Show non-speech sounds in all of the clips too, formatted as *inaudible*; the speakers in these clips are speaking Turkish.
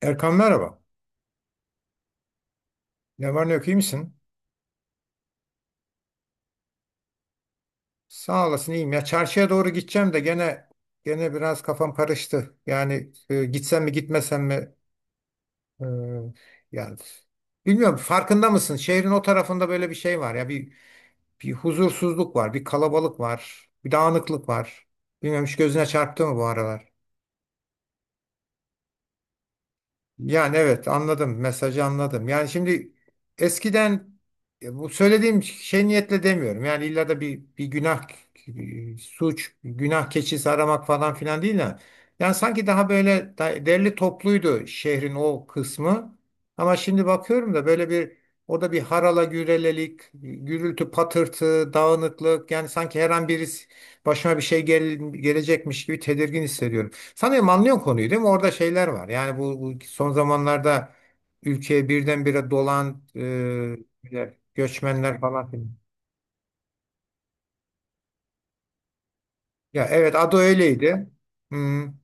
Erkan merhaba. Ne var ne yok iyi misin? Sağ olasın iyiyim. Ya çarşıya doğru gideceğim de gene biraz kafam karıştı. Yani gitsem mi gitmesem mi? E, yani bilmiyorum farkında mısın? Şehrin o tarafında böyle bir şey var ya bir huzursuzluk var, bir kalabalık var, bir dağınıklık var. Bilmiyorum hiç gözüne çarptı mı bu aralar? Yani evet anladım, mesajı anladım. Yani şimdi eskiden bu söylediğim şey niyetle demiyorum. Yani illa da bir günah suç, günah keçisi aramak falan filan değil ya. Yani sanki daha böyle derli topluydu şehrin o kısmı. Ama şimdi bakıyorum da böyle bir, orada bir harala gürelelik, gürültü, patırtı, dağınıklık, yani sanki her an birisi başıma bir şey gelecekmiş gibi tedirgin hissediyorum. Sanırım anlıyorsun konuyu, değil mi? Orada şeyler var. Yani bu son zamanlarda ülkeye birdenbire dolan böyle göçmenler falan filan. Ya evet, adı öyleydi. Hmm,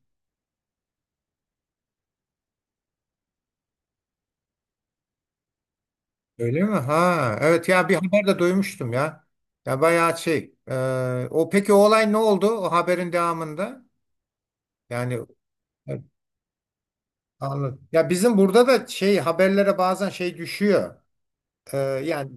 öyle mi? Ha evet, ya bir haber de duymuştum ya. Ya bayağı şey. O peki, o olay ne oldu o haberin devamında? Yani evet, anladım. Ya bizim burada da şey, haberlere bazen şey düşüyor. E, yani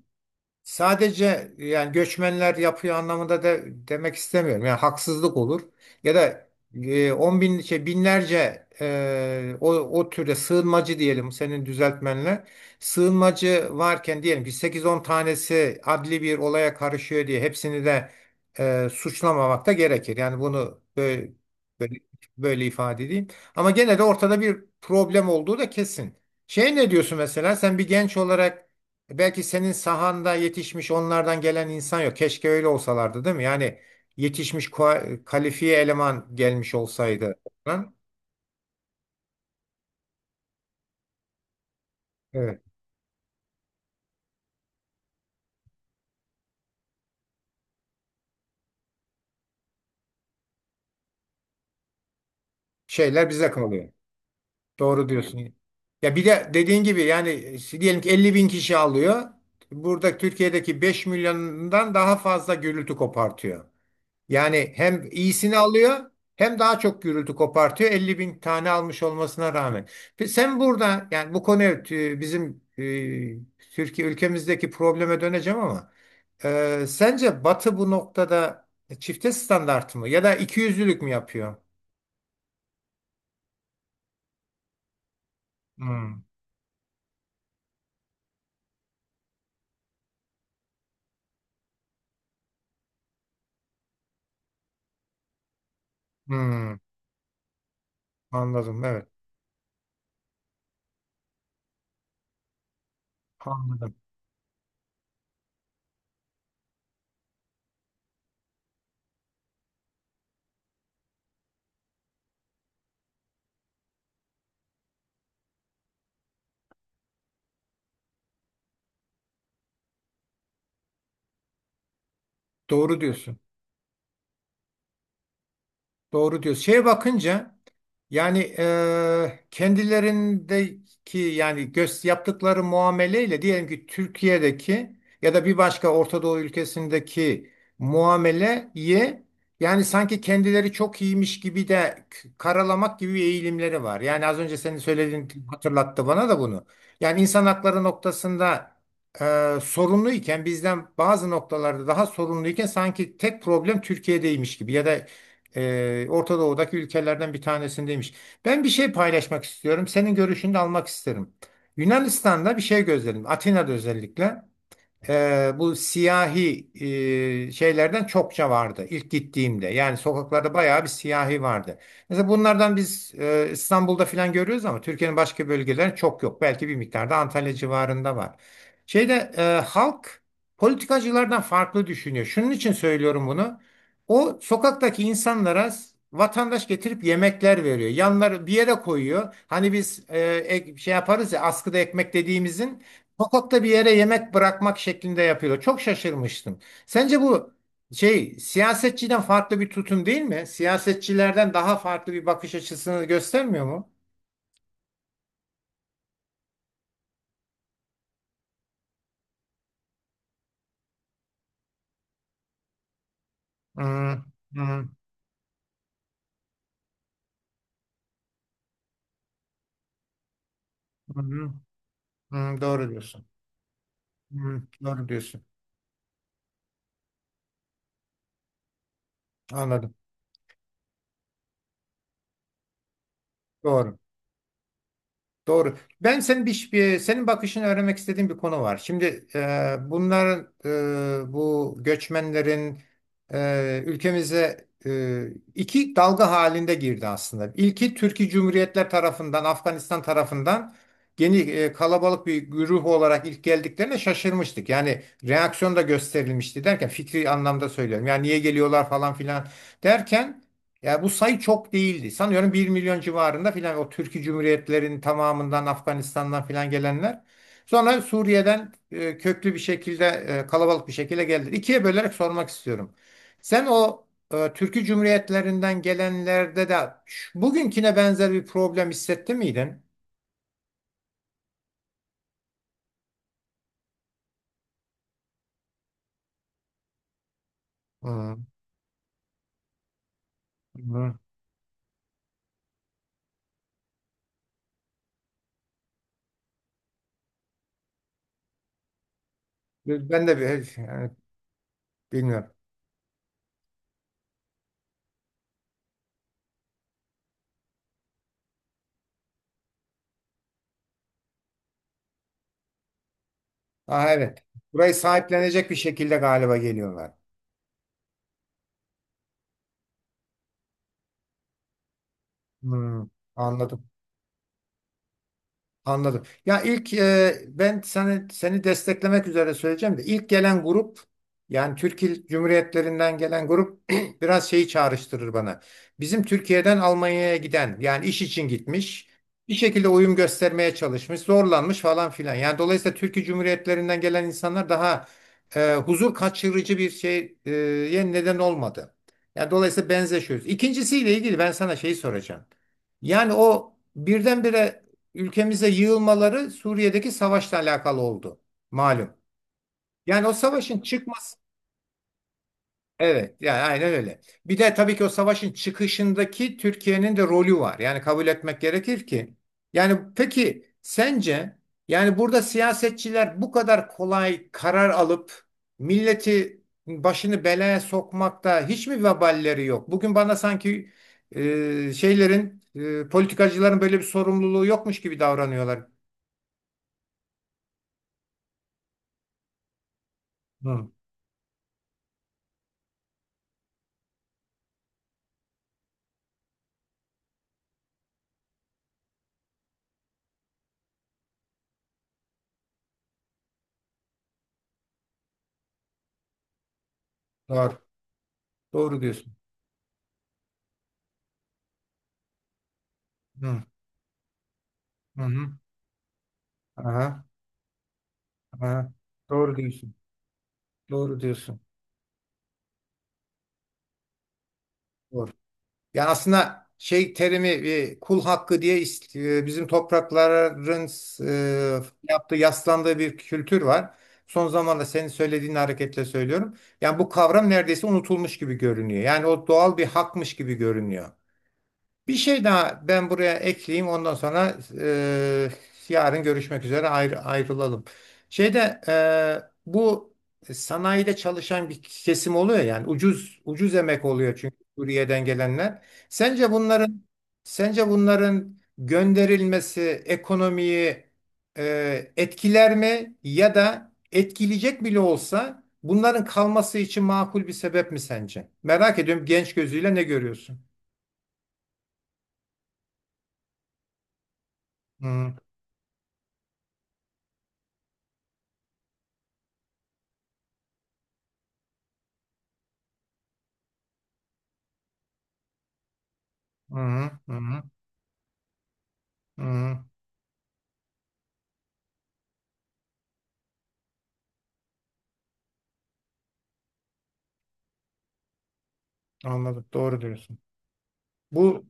Sadece yani göçmenler yapıyor anlamında da demek istemiyorum. Yani haksızlık olur. Ya da 10.000, şey, binlerce o türde sığınmacı diyelim senin düzeltmenle. Sığınmacı varken, diyelim ki 8-10 tanesi adli bir olaya karışıyor diye hepsini de suçlamamak da gerekir. Yani bunu böyle, böyle ifade edeyim. Ama gene de ortada bir problem olduğu da kesin. Şey, ne diyorsun mesela sen bir genç olarak? Belki senin sahanda yetişmiş onlardan gelen insan yok. Keşke öyle olsalardı, değil mi? Yani yetişmiş kalifiye eleman gelmiş olsaydı. Lan, evet. Şeyler bize kalıyor. Doğru diyorsun. Ya bir de dediğin gibi yani diyelim ki 50.000 kişi alıyor. Burada Türkiye'deki 5 milyondan daha fazla gürültü kopartıyor. Yani hem iyisini alıyor hem daha çok gürültü kopartıyor. 50.000 tane almış olmasına rağmen. Sen burada yani, bu konu evet, bizim Türkiye ülkemizdeki probleme döneceğim ama sence Batı bu noktada çifte standart mı ya da ikiyüzlülük mü yapıyor? Hmm, hmm, anladım, evet anladım. Doğru diyorsun. Doğru diyorsun. Şeye bakınca yani kendilerindeki yani göz yaptıkları muameleyle diyelim ki Türkiye'deki ya da bir başka Orta Doğu ülkesindeki muameleye, yani sanki kendileri çok iyiymiş gibi de karalamak gibi eğilimleri var. Yani az önce senin söylediğin hatırlattı bana da bunu. Yani insan hakları noktasında sorunluyken, bizden bazı noktalarda daha sorunluyken sanki tek problem Türkiye'deymiş gibi ya da Orta Doğu'daki ülkelerden bir tanesindeymiş. Ben bir şey paylaşmak istiyorum. Senin görüşünü de almak isterim. Yunanistan'da bir şey gözledim. Atina'da özellikle bu siyahi şeylerden çokça vardı ilk gittiğimde. Yani sokaklarda bayağı bir siyahi vardı. Mesela bunlardan biz İstanbul'da falan görüyoruz ama Türkiye'nin başka bölgelerinde çok yok. Belki bir miktarda Antalya civarında var. Şeyde halk politikacılardan farklı düşünüyor. Şunun için söylüyorum bunu. O sokaktaki insanlara vatandaş getirip yemekler veriyor. Yanları bir yere koyuyor. Hani biz şey yaparız ya, askıda ekmek dediğimizin sokakta bir yere yemek bırakmak şeklinde yapıyor. Çok şaşırmıştım. Sence bu şey, siyasetçiden farklı bir tutum değil mi? Siyasetçilerden daha farklı bir bakış açısını göstermiyor mu? Hmm, hmm, hmm, hmm, doğru diyorsun. Hmm, doğru diyorsun. Anladım. Doğru. Doğru. Ben senin senin bakışını öğrenmek istediğim bir konu var. Şimdi bunların bu göçmenlerin ülkemize iki dalga halinde girdi aslında. İlki Türkiye Cumhuriyetler tarafından, Afganistan tarafından yeni, kalabalık bir güruh olarak ilk geldiklerine şaşırmıştık. Yani reaksiyon da gösterilmişti, derken fikri anlamda söylüyorum. Yani niye geliyorlar falan filan derken. Ya bu sayı çok değildi. Sanıyorum 1 milyon civarında filan o Türkiye Cumhuriyetlerinin tamamından Afganistan'dan filan gelenler. Sonra Suriye'den köklü bir şekilde, kalabalık bir şekilde geldi. İkiye bölerek sormak istiyorum. Sen o Türkiye Cumhuriyetlerinden gelenlerde de bugünküne benzer bir problem hissetti miydin? Hı, hı. Ben de bir, yani bilmiyorum. Aa, evet. Burayı sahiplenecek bir şekilde galiba geliyorlar. Hı, anladım. Anladım. Ya ilk ben seni desteklemek üzere söyleyeceğim de ilk gelen grup, yani Türk Cumhuriyetlerinden gelen grup *clears throat* biraz şeyi çağrıştırır bana. Bizim Türkiye'den Almanya'ya giden, yani iş için gitmiş, bir şekilde uyum göstermeye çalışmış, zorlanmış falan filan. Yani dolayısıyla Türkiye Cumhuriyetlerinden gelen insanlar daha huzur kaçırıcı bir şey e neden olmadı. Yani dolayısıyla benzeşiyoruz. İkincisiyle ilgili ben sana şeyi soracağım. Yani o birdenbire ülkemize yığılmaları Suriye'deki savaşla alakalı oldu. Malum. Yani o savaşın çıkması, evet, yani aynen öyle. Bir de tabii ki o savaşın çıkışındaki Türkiye'nin de rolü var. Yani kabul etmek gerekir ki. Yani peki sence yani burada siyasetçiler bu kadar kolay karar alıp milleti başını belaya sokmakta hiç mi veballeri yok? Bugün bana sanki şeylerin, politikacıların böyle bir sorumluluğu yokmuş gibi davranıyorlar. Hı, doğru. Doğru diyorsun. Hı, hı, hı. Aha, aha. Doğru diyorsun. Doğru diyorsun. Doğru. Yani aslında şey terimi, kul hakkı diye bizim toprakların yaptığı, yaslandığı bir kültür var. Son zamanlarda senin söylediğin hareketle söylüyorum. Yani bu kavram neredeyse unutulmuş gibi görünüyor. Yani o doğal bir hakmış gibi görünüyor. Bir şey daha ben buraya ekleyeyim. Ondan sonra yarın görüşmek üzere ayrılalım. Şeyde bu sanayide çalışan bir kesim oluyor, yani ucuz ucuz emek oluyor çünkü Suriye'den gelenler. Sence bunların Sence bunların gönderilmesi ekonomiyi etkiler mi ya da etkileyecek bile olsa bunların kalması için makul bir sebep mi sence? Merak ediyorum, genç gözüyle ne görüyorsun? Hı. Hı hı, hı hı, hı hı. Anladım. Doğru diyorsun. Bu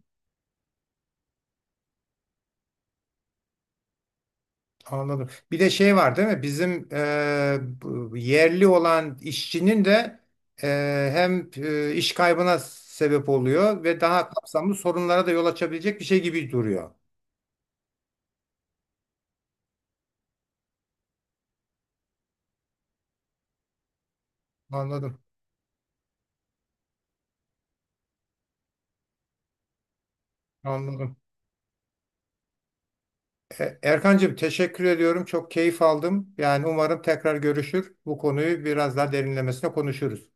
anladım. Bir de şey var, değil mi? Bizim bu yerli olan işçinin de e, hem iş kaybına sebep oluyor ve daha kapsamlı sorunlara da yol açabilecek bir şey gibi duruyor. Anladım. Anladım. Erkancığım, teşekkür ediyorum. Çok keyif aldım. Yani umarım tekrar görüşür, bu konuyu biraz daha derinlemesine konuşuruz.